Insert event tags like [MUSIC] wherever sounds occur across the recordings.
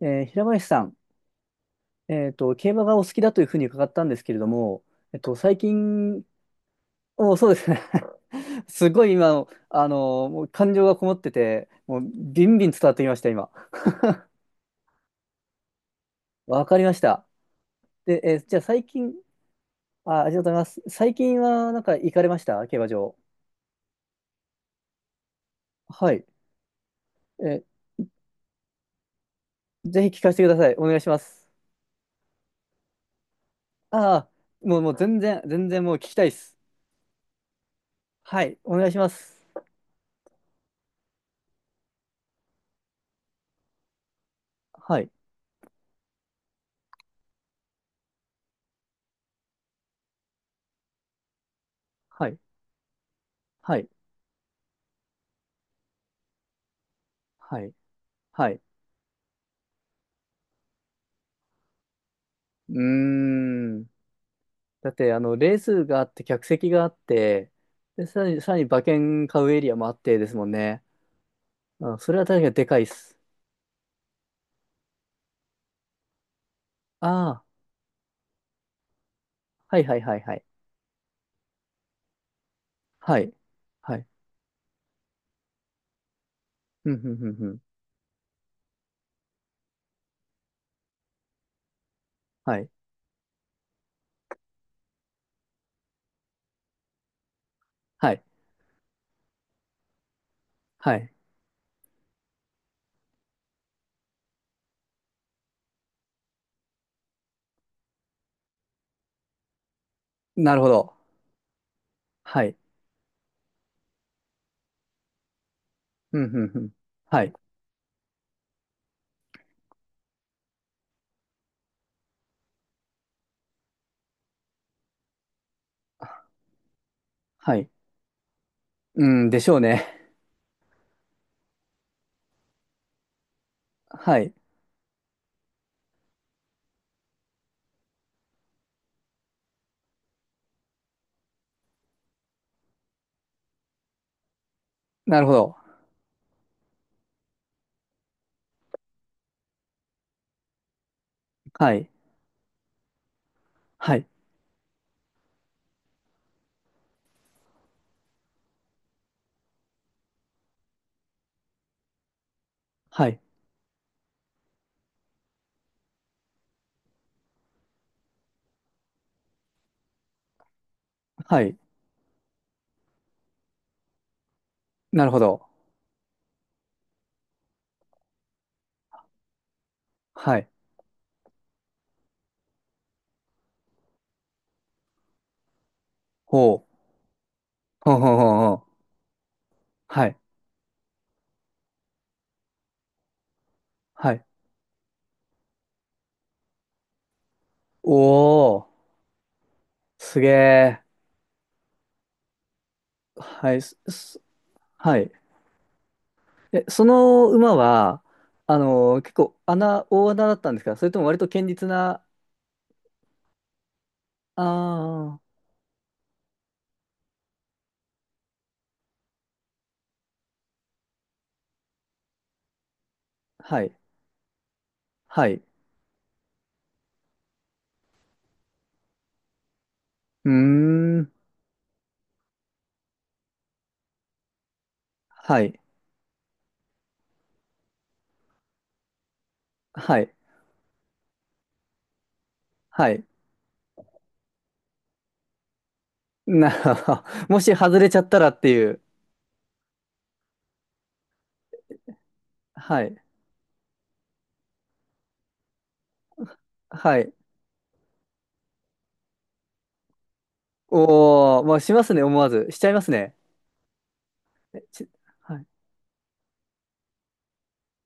平林さん、競馬がお好きだというふうに伺ったんですけれども、最近、お、そうですね。[LAUGHS] すごい今、もう感情がこもってて、もうビンビン伝わってきました、今。わかりました。で、じゃあ最近、あ、ありがとうございます。最近はなんか行かれました競馬場。はい。えぜひ聞かせてください。お願いします。ああ、もう、もう全然、全然もう聞きたいです。はい。お願いします。はい。はい。はい。はい。はい。うーん。だって、レースがあって、客席があって、で、さらに、さらに馬券買うエリアもあってですもんね。うん、それは確かにでかいっす。ああ、はいはいはいはい。はい。はい。うん、うん、うん、うん。はい。はい。はい。なるほど。はい。うん、うん、うん。はい。はい。うん、でしょうね。はい。なるほど。はい。はい。はい。はい。なるほど。はい。ほう。ほうほうほうほう。はい。はい。おー。すげー。はい。はい。え、その馬は、結構大穴だったんですか？それとも割と堅実な、ああ、はい、はい。うーん、はい、はい、はい。[LAUGHS] なるほど。[LAUGHS] もし外れちゃったらっていう。はい、はい。おー、まあ、しますね、思わず。しちゃいますね。えちはい、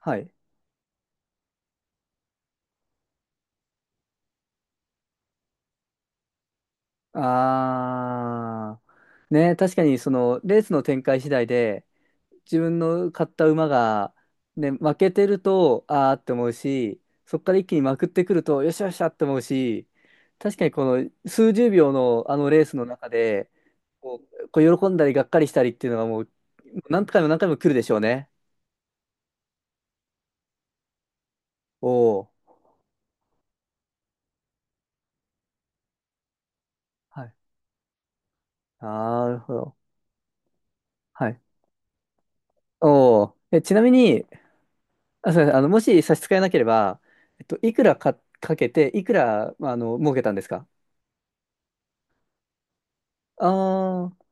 はい。ああ、ね、確かにその、レースの展開次第で、自分の買った馬が、ね、負けてると、あーって思うし、そこから一気にまくってくると、よっしゃよっしゃって思うし、確かにこの数十秒のあのレースの中で、こう喜んだりがっかりしたりっていうのがもう、何回も何回も来るでしょうね。おお。はい。なるほど。はい。おお。え、ちなみに、あ、すいません。もし差し支えなければ、いくらか、かけて、いくら、儲けたんですか？ああー、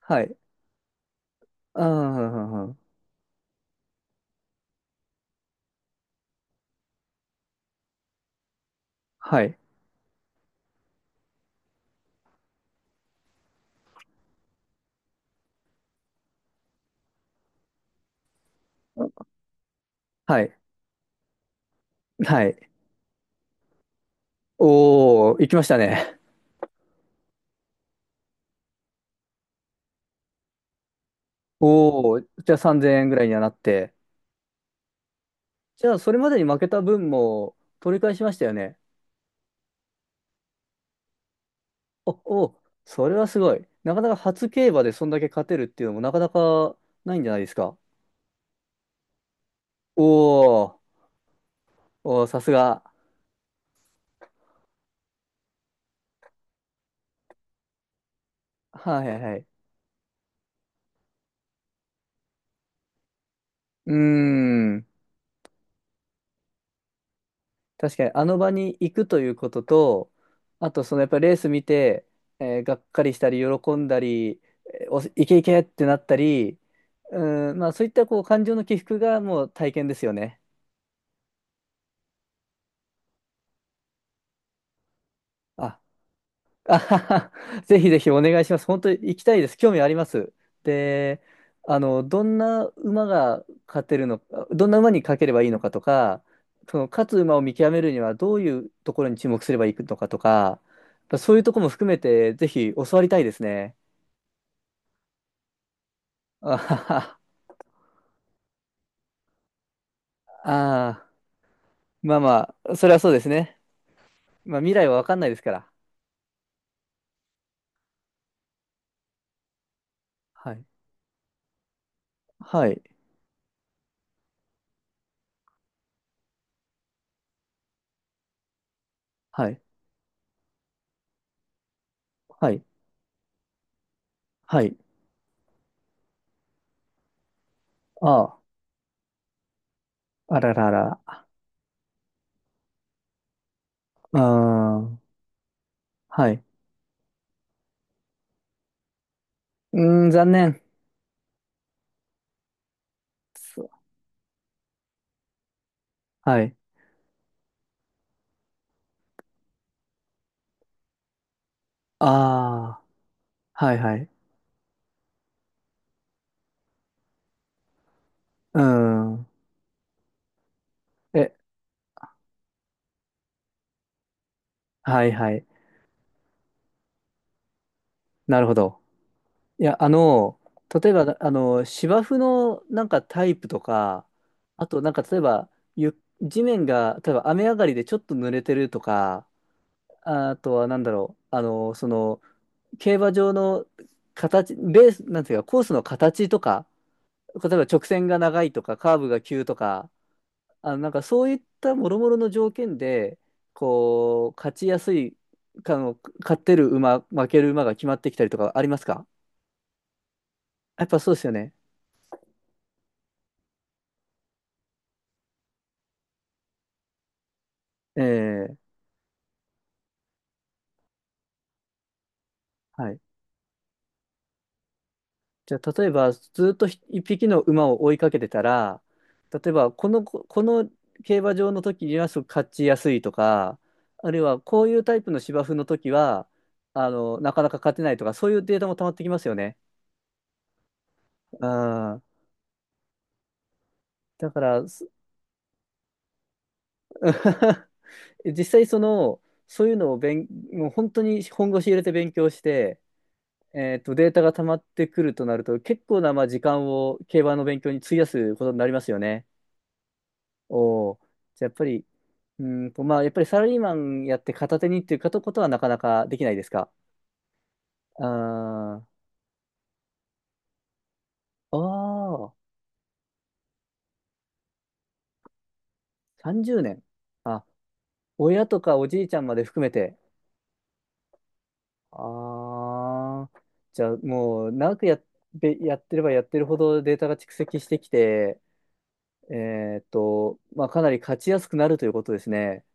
はい。ああ、はい。はい。はい。おー、行きましたね。おー、じゃあ3,000円ぐらいにはなって。じゃあそれまでに負けた分も取り返しましたよね。お、お、それはすごい。なかなか初競馬でそんだけ勝てるっていうのもなかなかないんじゃないですか？おー、おー、さすが。はいはいはい。うーん。確かにあの場に行くということと、あとそのやっぱりレース見て、がっかりしたり喜んだり、えーお、いけいけってなったり、うん、まあそういったこう感情の起伏がもう体験ですよね。あ [LAUGHS] あはは。ぜひぜひお願いします。本当に行きたいです。興味あります。で、どんな馬が勝てるのか、どんな馬に勝ければいいのかとか、その勝つ馬を見極めるにはどういうところに注目すればいいのかとか、やっぱそういうところも含めてぜひ教わりたいですね。[LAUGHS] あはは。あー、まあまあ、それはそうですね。まあ未来はわかんないですから。はい。はい。はい。はい。はい。ああ、あらららあ。あ、はい。うーん、残念。そう。はい。ああ、はいはい。うん。え、はいはい。なるほど。いや、例えば、芝生のなんかタイプとか、あとなんか例えば、地面が、例えば雨上がりでちょっと濡れてるとか、あとはなんだろう、競馬場の形、レース、なんていうか、コースの形とか、例えば直線が長いとか、カーブが急とか、なんかそういった諸々の条件で、こう、勝ちやすい、かの、勝ってる馬、負ける馬が決まってきたりとかありますか？やっぱそうですよね。ええ、はい。じゃあ、例えば、ずっと一匹の馬を追いかけてたら、例えば、ここの競馬場の時にはすごく勝ちやすいとか、あるいは、こういうタイプの芝生の時は、なかなか勝てないとか、そういうデータも溜まってきますよね。うん。だから、す [LAUGHS] 実際その、そういうのをもう本当に本腰入れて勉強して、データが溜まってくるとなると、結構なまあ時間を競馬の勉強に費やすことになりますよね。おー、じゃあやっぱり、まあ、やっぱりサラリーマンやって片手にっていうことはなかなかできないですか？あーあー、30年。あ、親とかおじいちゃんまで含めて。ああ、じゃあもう長くやってればやってるほどデータが蓄積してきて、まあ、かなり勝ちやすくなるということですね。